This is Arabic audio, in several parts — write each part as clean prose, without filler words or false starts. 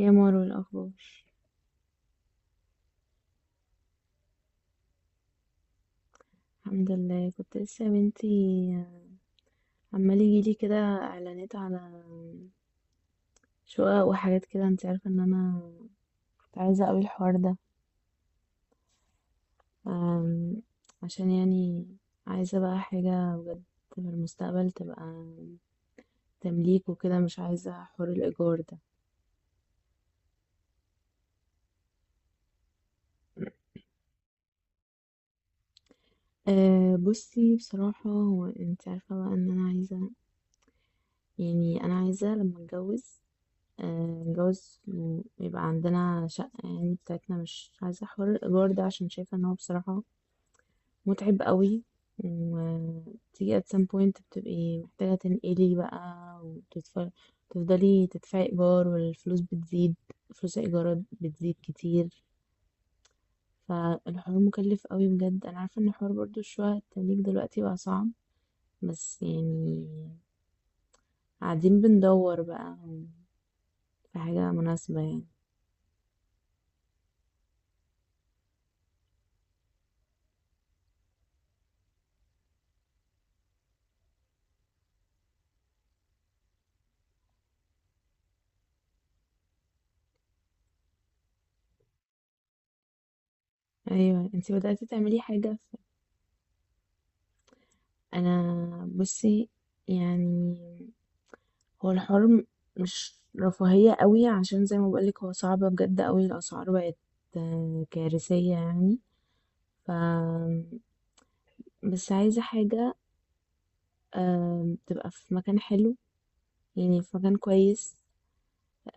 يا مارو، الأخبار؟ الحمد لله. كنت لسه يا بنتي، عمال يجيلي كده إعلانات على شقق وحاجات كده. انت عارفة ان أنا كنت عايزة أوي الحوار ده. أم، عشان يعني عايزة بقى حاجة بجد في المستقبل تبقى تمليك وكده. مش عايزة حوار الإيجار ده. أه بصي بصراحة، هو انت عارفة بقى ان انا عايزة، يعني انا عايزة لما اتجوز جوز، يبقى عندنا شقة يعني بتاعتنا. مش عايزة حوار الإيجار ده عشان شايفة إن هو بصراحة متعب قوي. وتيجي at some point بتبقي محتاجة تنقلي بقى تفضلي تدفعي إيجار، والفلوس بتزيد، فلوس الإيجارات بتزيد كتير. فالحوار مكلف قوي بجد. أنا عارفة إن حوار برضو الشقق التمليك دلوقتي بقى صعب، بس يعني قاعدين بندور بقى في حاجة مناسبة يعني. أيوة. انتي بدأتي تعملي حاجة؟ انا بصي يعني، هو الحوار مش رفاهية قوي، عشان زي ما بقولك هو صعب بجد قوي، الاسعار بقت كارثية يعني. ف بس عايزة حاجة تبقى في مكان حلو، يعني في مكان كويس،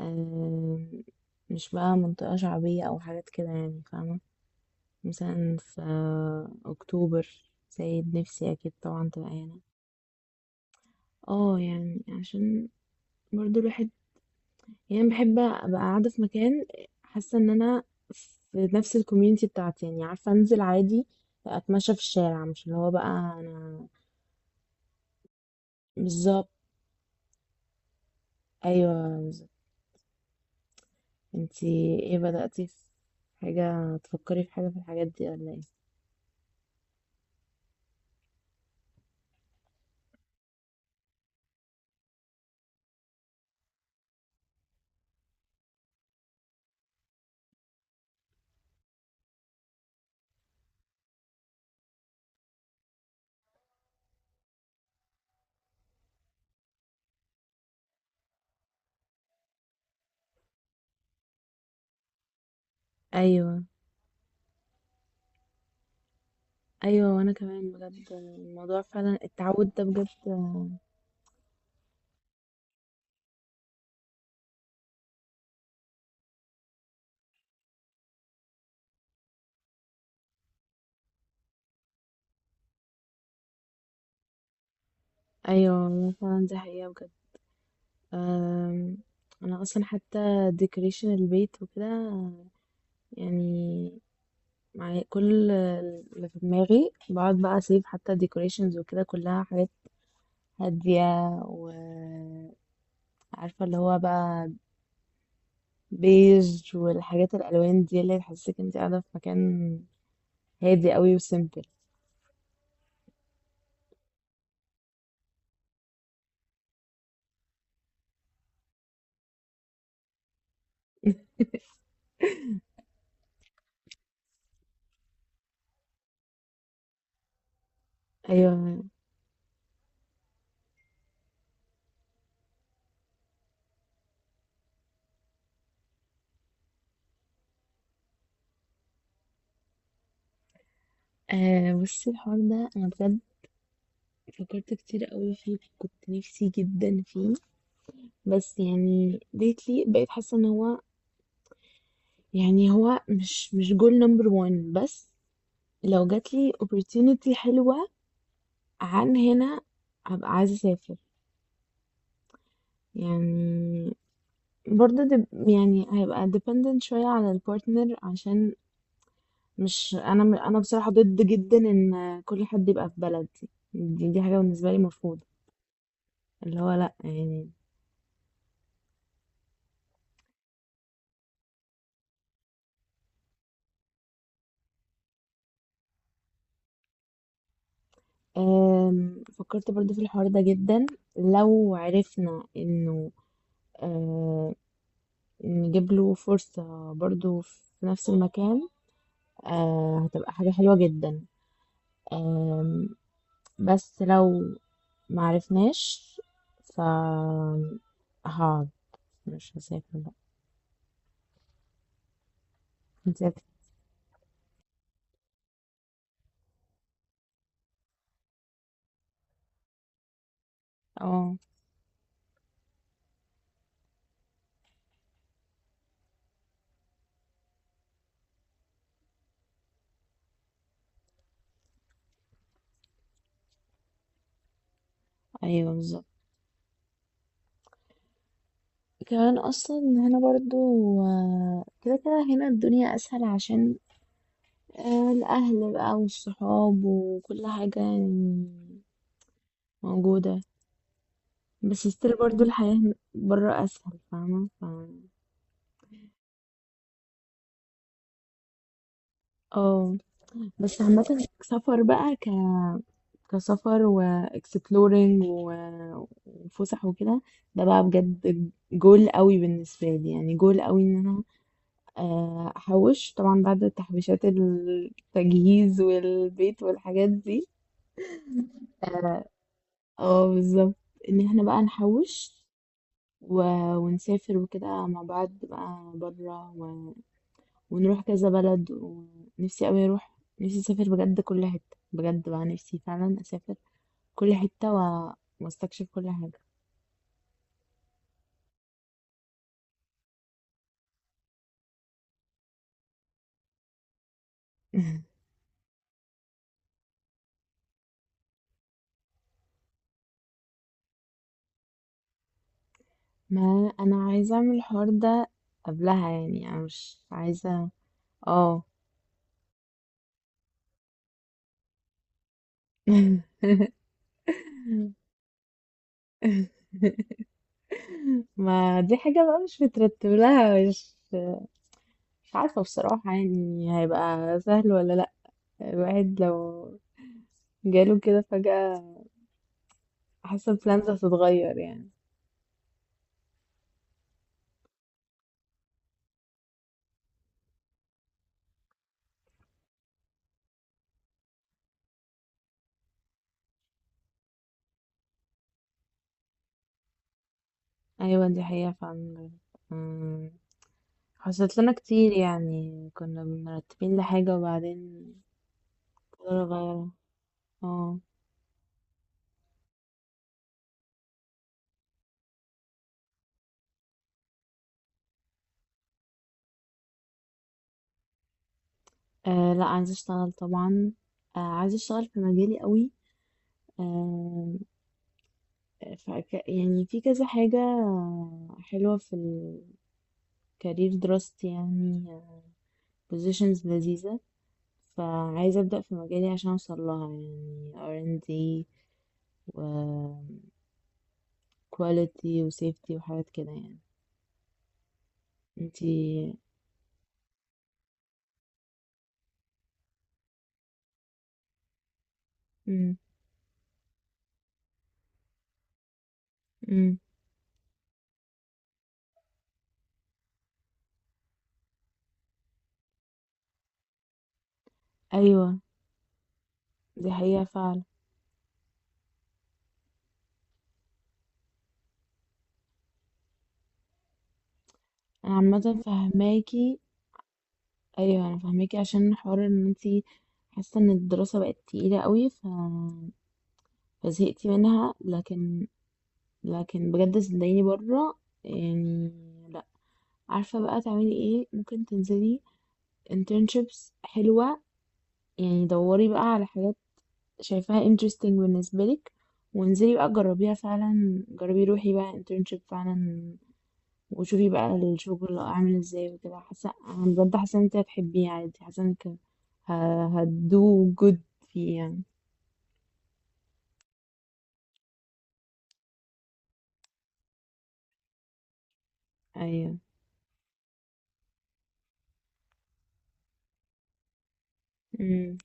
آه، مش بقى منطقة شعبية او حاجات كده يعني، فاهمة؟ مثلا في اكتوبر. سيد. نفسي اكيد طبعا تبقى هنا. اه يعني عشان برضو الواحد يعني بحب ابقى قاعده في مكان حاسه ان انا في نفس الكوميونتي بتاعتي، يعني عارفه انزل عادي، اتمشى في الشارع، مش اللي هو بقى انا. بالظبط. ايوه بالظبط. انتي ايه، بدأتي في حاجه، تفكري في حاجه في الحاجات دي ولا ايه؟ ايوه، ايوه. وانا كمان بجد الموضوع فعلا التعود ده بجد. ايوه والله فعلا دي حقيقه بجد. أم، انا اصلا حتى ديكوريشن البيت وكده يعني معايا كل اللي في دماغي، بقعد بقى اسيب حتى ديكوريشنز وكده كلها حاجات هادية، وعارفة اللي هو بقى بيج، والحاجات الألوان دي اللي تحسسك انت قاعدة في مكان هادي قوي وسيمبل. ايوه. آه بصي، الحوار ده انا بجد فكرت كتير قوي فيه، كنت نفسي جدا فيه، بس يعني ديتلي بقيت حاسة ان هو، يعني هو مش جول نمبر وان بس. لو جاتلي opportunity حلوة عن هنا، هبقى عايزة اسافر يعني. برضه يعني هيبقى dependent شوية على البارتنر، عشان مش انا م- انا بصراحة ضد جدا ان كل حد يبقى في بلدي دي, دي حاجة بالنسبة لي مرفوضة، اللي هو لا يعني. فكرت برضه في الحوار ده جدا. لو عرفنا انه، أه، نجيب له فرصة برضه في نفس المكان، هتبقى حاجة حلوة جدا. أم، بس لو معرفناش، ف هقعد، مش هسافر بقى. هتسافر. اه، ايوه بالظبط. كمان اصلا هنا برضو، كده كده هنا الدنيا اسهل، عشان الاهل بقى والصحاب وكل حاجة يعني موجودة. بس ستيل برضو الحياة برا اسهل، فاهمة. اه. بس عامة سفر بقى، كسفر واكسبلورينج وفسح وكده، ده بقى بجد جول قوي بالنسبة لي، يعني جول قوي ان انا احوش طبعا بعد تحويشات التجهيز والبيت والحاجات دي. اه، بالظبط، ان احنا بقى نحوش و... ونسافر وكده مع بعض بقى بره ونروح كذا بلد. ونفسي قوي اروح، نفسي اسافر بجد كل حتة، بجد بقى نفسي فعلا اسافر كل حتة واستكشف كل حاجة. ما انا عايزه اعمل الحوار ده قبلها، يعني انا مش عايزه. اه. ما دي حاجه بقى مش مترتب لها، مش عارفه بصراحه يعني هيبقى سهل ولا لا. الواحد لو جاله كده فجاه، حاسه البلانز هتتغير يعني. ايوه دي حقيقه فعلا. أمم، حصلت لنا كتير، يعني كنا مرتبين لحاجه وبعدين قرر غيرها. اه. أه لا، عايزة أشتغل طبعا. أه عايزة أشتغل في مجالي قوي. أه فك يعني في كذا حاجة حلوة في الكارير دراستي يعني، بوزيشنز لذيذة. فعايزة أبدأ في مجالي عشان أوصل لها، يعني R&D و quality و safety وحاجات كده يعني. انتي؟ مم. مم. أيوة دي حقيقة فعلا. أنا عامة فهماكي، ايوه انا فاهماكي عشان حوار ان انتي حاسه ان الدراسه بقت تقيله قوي فزهقتي منها، لكن، بجد صدقيني بره يعني، لا، عارفه بقى تعملي ايه، ممكن تنزلي internships حلوه يعني، دوري بقى على حاجات شايفاها interesting بالنسبه لك، وانزلي بقى جربيها فعلا، جربي روحي بقى internship فعلا، وشوفي بقى الشغل عامل ازاي وكده. حاسه انا بجد، حاسه ان انت هتحبيه عادي، حاسه انك هتدو جود فيه يعني. ايوه. امم.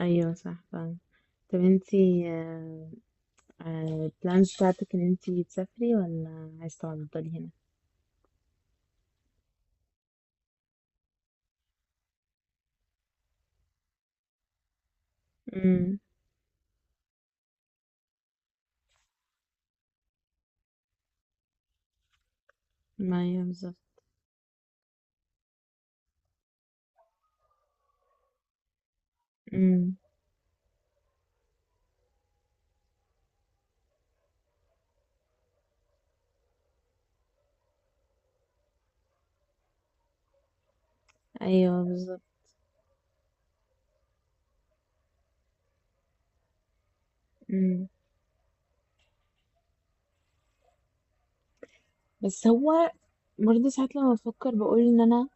ايوه صح فعلا. طب انتي البلانز بتاعتك ان انتي تسافري ولا عايزة تفضلي هنا؟ امم. ما ايوه بالظبط. امم. ايوه بالظبط. امم بس هو برضه ساعات لما بفكر بقول ان انا،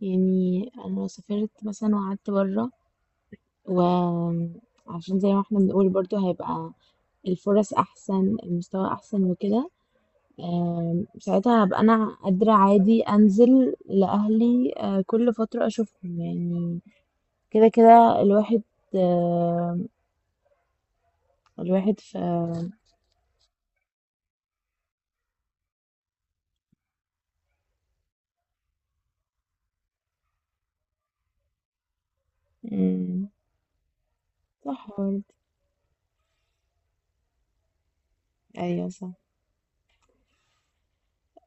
يعني انا لو سافرت مثلا وقعدت بره، وعشان زي ما احنا بنقول برضو هيبقى الفرص احسن المستوى احسن وكده، ساعتها هبقى انا قادرة عادي انزل لاهلي، كل فترة اشوفهم يعني. كده كده الواحد. آم، الواحد في. مم، صح برضه. ايوه صح.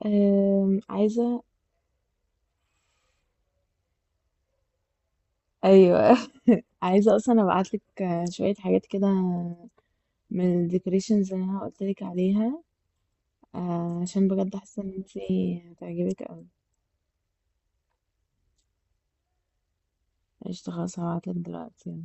عايزة. أيوة عايزة أصلا أبعتلك شوية حاجات كده من الديكوريشنز اللي أنا قلتلك عليها، عشان بجد حاسة ان انتي هتعجبك اوي. قشطة، خلاص هبعتلك دلوقتي.